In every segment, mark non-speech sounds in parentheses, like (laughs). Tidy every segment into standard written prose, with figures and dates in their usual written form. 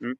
Mmh.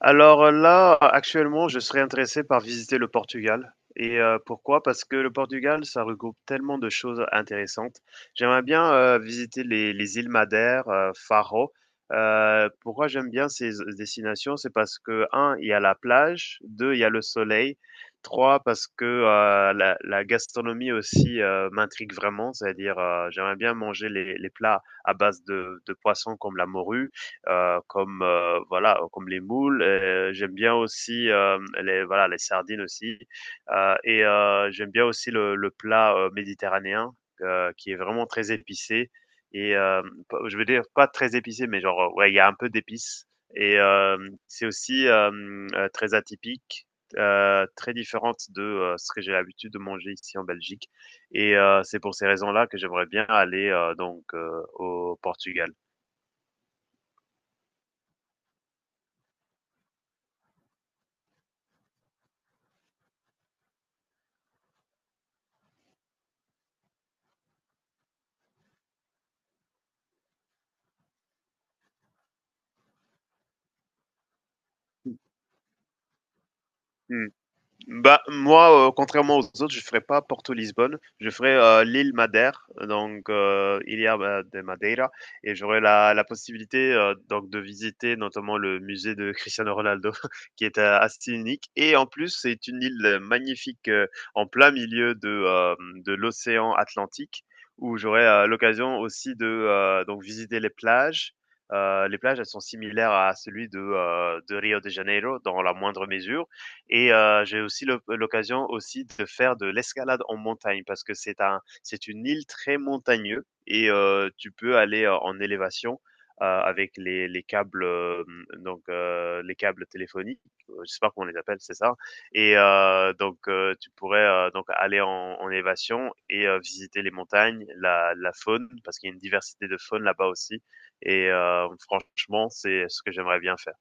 Alors, là, actuellement, je serais intéressé par visiter le Portugal et pourquoi? Parce que le Portugal, ça regroupe tellement de choses intéressantes. J'aimerais bien, visiter les îles Madère, Faro. Pourquoi j'aime bien ces destinations? C'est parce que un, il y a la plage, deux, il y a le soleil, trois, parce que, la gastronomie aussi, m'intrigue vraiment, c'est-à-dire, j'aimerais bien manger les plats à base de poissons comme la morue, comme, voilà, comme les moules, j'aime bien aussi, hem, les voilà, les sardines aussi, et j'aime bien aussi le plat, méditerranéen, qui est vraiment très épicé et hem, p je veux dire pas très épicé, mais genre, ouais, il y a un peu d'épices et hem, c'est aussi, hem, très atypique, très différente de, ce que j'ai l'habitude de manger ici en Belgique et c'est pour ces raisons-là que j'aimerais bien aller, donc au Portugal. Mmh. Bah, moi, contrairement aux autres, je ferai pas Porto-Lisbonne, je ferai l'île Madère, donc Ilha Ma de Madeira et j'aurai la possibilité, donc de visiter notamment le musée de Cristiano Ronaldo (laughs) qui est, assez unique et en plus, c'est une île magnifique, en plein milieu de, hem, de l'océan Atlantique où j'aurai l'occasion aussi de, donc visiter les plages. Les plages, elles sont similaires à celui de Rio de Janeiro dans la moindre mesure et j'ai aussi l'occasion aussi de faire de l'escalade en montagne parce que c'est une île très montagneuse et tu peux aller en élévation avec les câbles donc les câbles téléphoniques, je sais pas comment on les appelle, c'est ça. Et donc tu pourrais donc aller en, en élévation et visiter les montagnes, la faune parce qu'il y a une diversité de faune là-bas aussi. Et franchement, c'est ce que j'aimerais bien faire.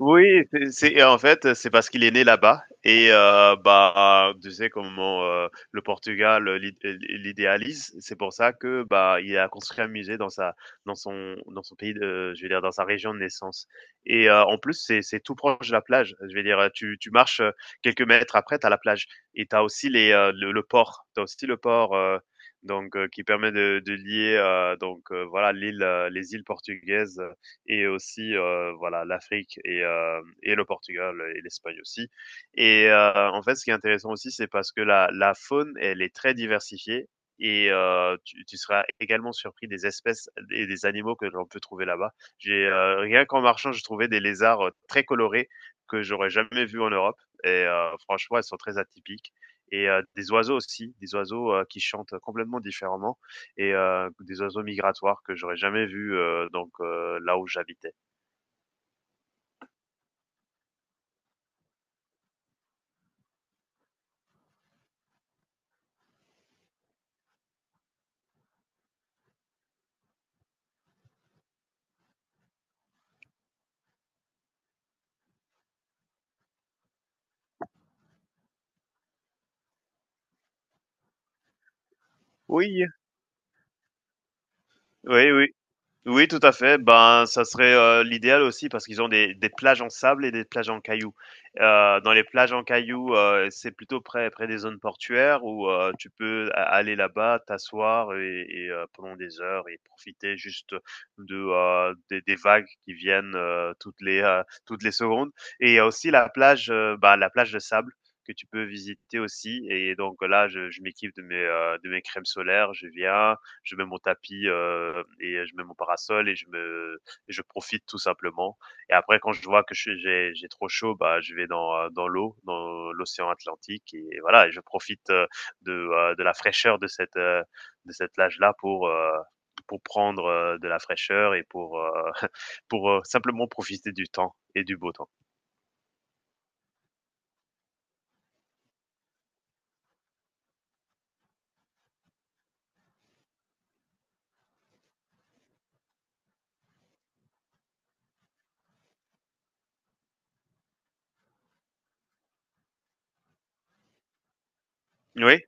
Oui, c'est en fait, c'est parce qu'il est né là-bas et bah, tu sais comment, le Portugal, l'idéalise. C'est pour ça que, bah, il a construit un musée dans sa dans son pays de je veux dire dans sa région de naissance et en plus, c'est tout proche de la plage. Je veux dire, tu marches, quelques mètres après, tu as la plage et tu as aussi les, le port. Tu as aussi le port, donc qui permet de lier, donc voilà l'île, les îles portugaises et aussi voilà l'Afrique et le Portugal et l'Espagne aussi et en fait, ce qui est intéressant aussi, c'est parce que la faune, elle est très diversifiée et tu seras également surpris des espèces et des animaux que l'on peut trouver là-bas. J'ai, rien qu'en marchant, je trouvais des lézards, très colorés que j'aurais jamais vus en Europe et franchement, elles sont très atypiques et des oiseaux aussi, des oiseaux, qui chantent complètement différemment et des oiseaux migratoires que j'aurais jamais vus donc là où j'habitais. Oui, oui, oui. Oui, tout à fait. Ben, ça serait, l'idéal aussi parce qu'ils ont des plages en sable et des plages en cailloux. Dans les plages en cailloux, c'est plutôt près des zones portuaires où, tu peux a aller là-bas, t'asseoir et pendant des heures et profiter juste de, des vagues qui viennent, toutes les secondes et il y a aussi la plage, bah, la plage de sable que tu peux visiter aussi et donc là, je m'équipe de mes crèmes solaires, je viens, je mets mon tapis et je mets mon parasol et je profite tout simplement. Et après quand je vois que j'ai trop chaud, bah je vais dans dans l'eau, dans l'océan Atlantique et, voilà, et je profite de la fraîcheur de cette plage là pour prendre de la fraîcheur et pour (laughs) pour simplement profiter du temps et du beau temps. Oui.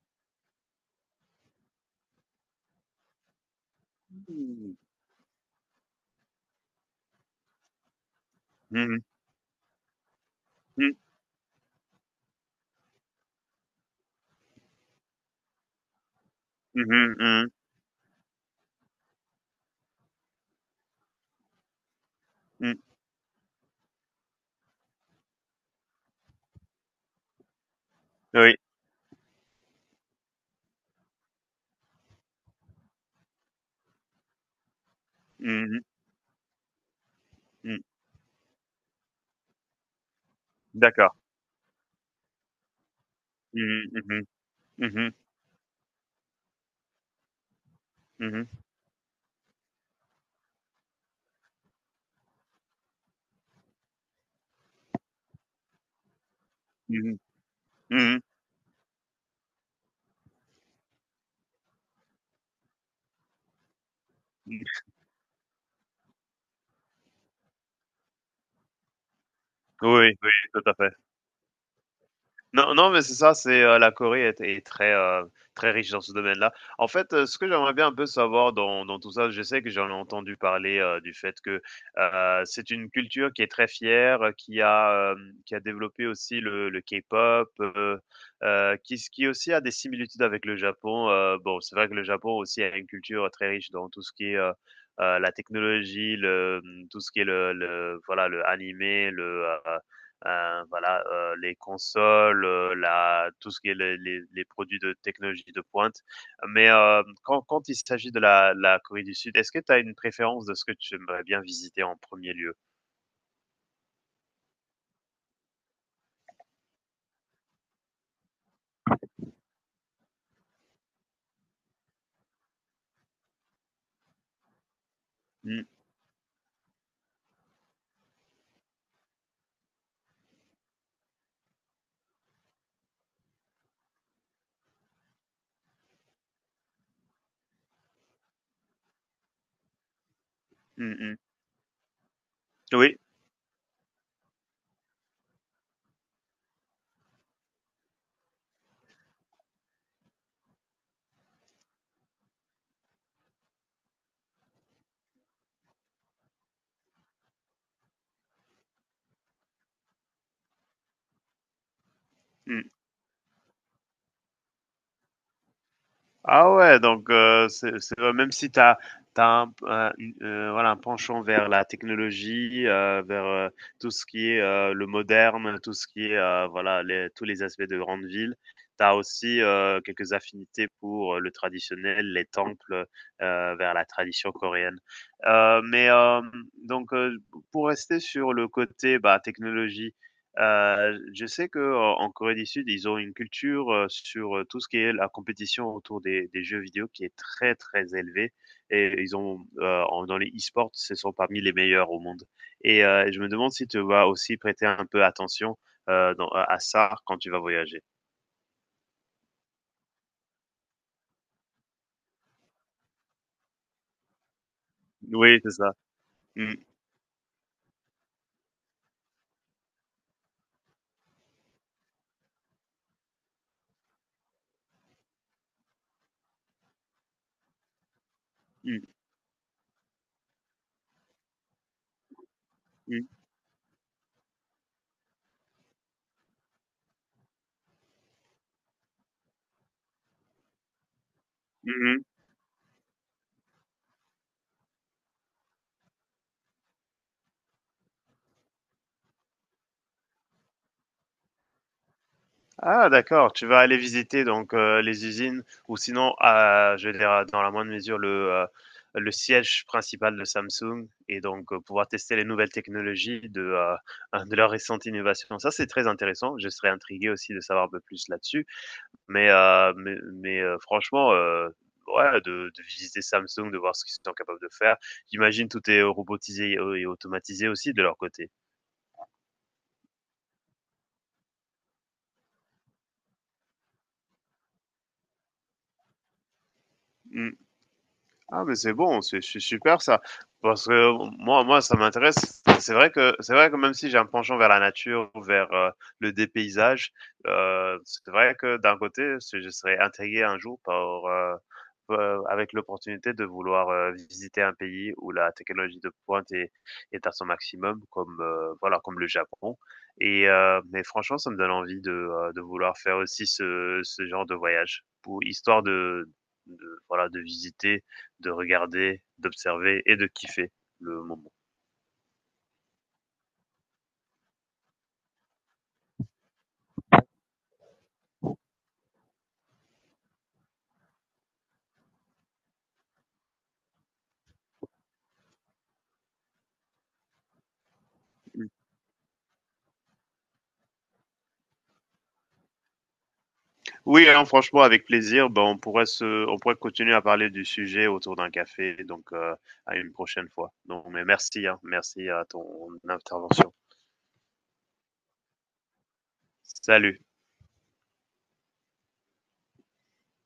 Mmh, mmh, mmh, oui. Mhm. Mhm. D'accord. Mhm. Mhm. Mhm. Mhm. Mhm. Mmh mh. Mmh. Oui, oui, tout à fait. Non, non, mais c'est ça, c'est, la Corée est très, très riche dans ce domaine-là. En fait, ce que j'aimerais bien un peu savoir dans dans tout ça, je sais que j'en ai entendu parler, du fait que, c'est une culture qui est très fière, qui a, hem, qui a développé aussi le K-pop, qui s qui aussi a des similitudes avec le Japon. Bon, c'est vrai que le Japon aussi a une culture très riche dans tout ce qui est, la technologie, le, mmh, tout ce qui est le voilà, le animé, le, voilà, les consoles, la, tout ce qui est les produits de technologie de pointe. Mais quand il s'agit de la Corée du Sud, est-ce que tu as une préférence de ce que tu aimerais bien visiter en premier lieu? Mm, mm, mm. Oui. Mm. Ah ouais, donc c'est, même si tu as, voilà, un penchant vers la technologie, vers tout ce qui est le moderne, tout ce qui est voilà, les, tous les aspects de grande ville, tu as aussi quelques affinités pour le traditionnel, les temples, vers la tradition coréenne. Euh, mais euh, donc euh, pour rester sur le côté bah, technologie, je sais que en Corée du Sud, ils ont une culture, sur, tout ce qui est la compétition autour des jeux vidéo qui est très, très élevée et ils ont, en dans les e-sports, ce sont parmi les meilleurs au monde et je me demande si tu vas aussi prêter un peu attention, dans à ça quand tu vas voyager. Oui, c'est ça. Mmh, mmh, mmh. Mmh. Ah d'accord, tu vas aller visiter donc les usines ou sinon, je veux dire, dans la moindre mesure, le siège principal de Samsung et donc pouvoir tester les nouvelles technologies de, (laughs) de leurs récentes innovations. Ça, c'est très intéressant. Je serais intrigué aussi de savoir un peu plus là-dessus, mais franchement, ouais, de visiter Samsung, de voir ce qu'ils sont capables de faire. J'imagine tout est robotisé et automatisé aussi de leur côté. Mmh. Ah, mais c'est bon, c'est super ça. Parce que moi, ça m'intéresse. C'est vrai que même si j'ai un penchant vers la nature, vers le dépaysage, c'est vrai que d'un côté, je serais intrigué un jour par avec l'opportunité de vouloir visiter un pays où la technologie de pointe est à son maximum, comme voilà, comme le Japon. Et mais franchement, ça me donne envie de vouloir faire aussi ce genre de voyage pour histoire de voilà de visiter de regarder, d'observer et de kiffer le moment. Oui, hein, franchement, avec plaisir. Ben, on pourrait continuer à parler du sujet autour d'un café, donc à une prochaine fois. Donc, mais merci, hein, merci à ton intervention. Salut.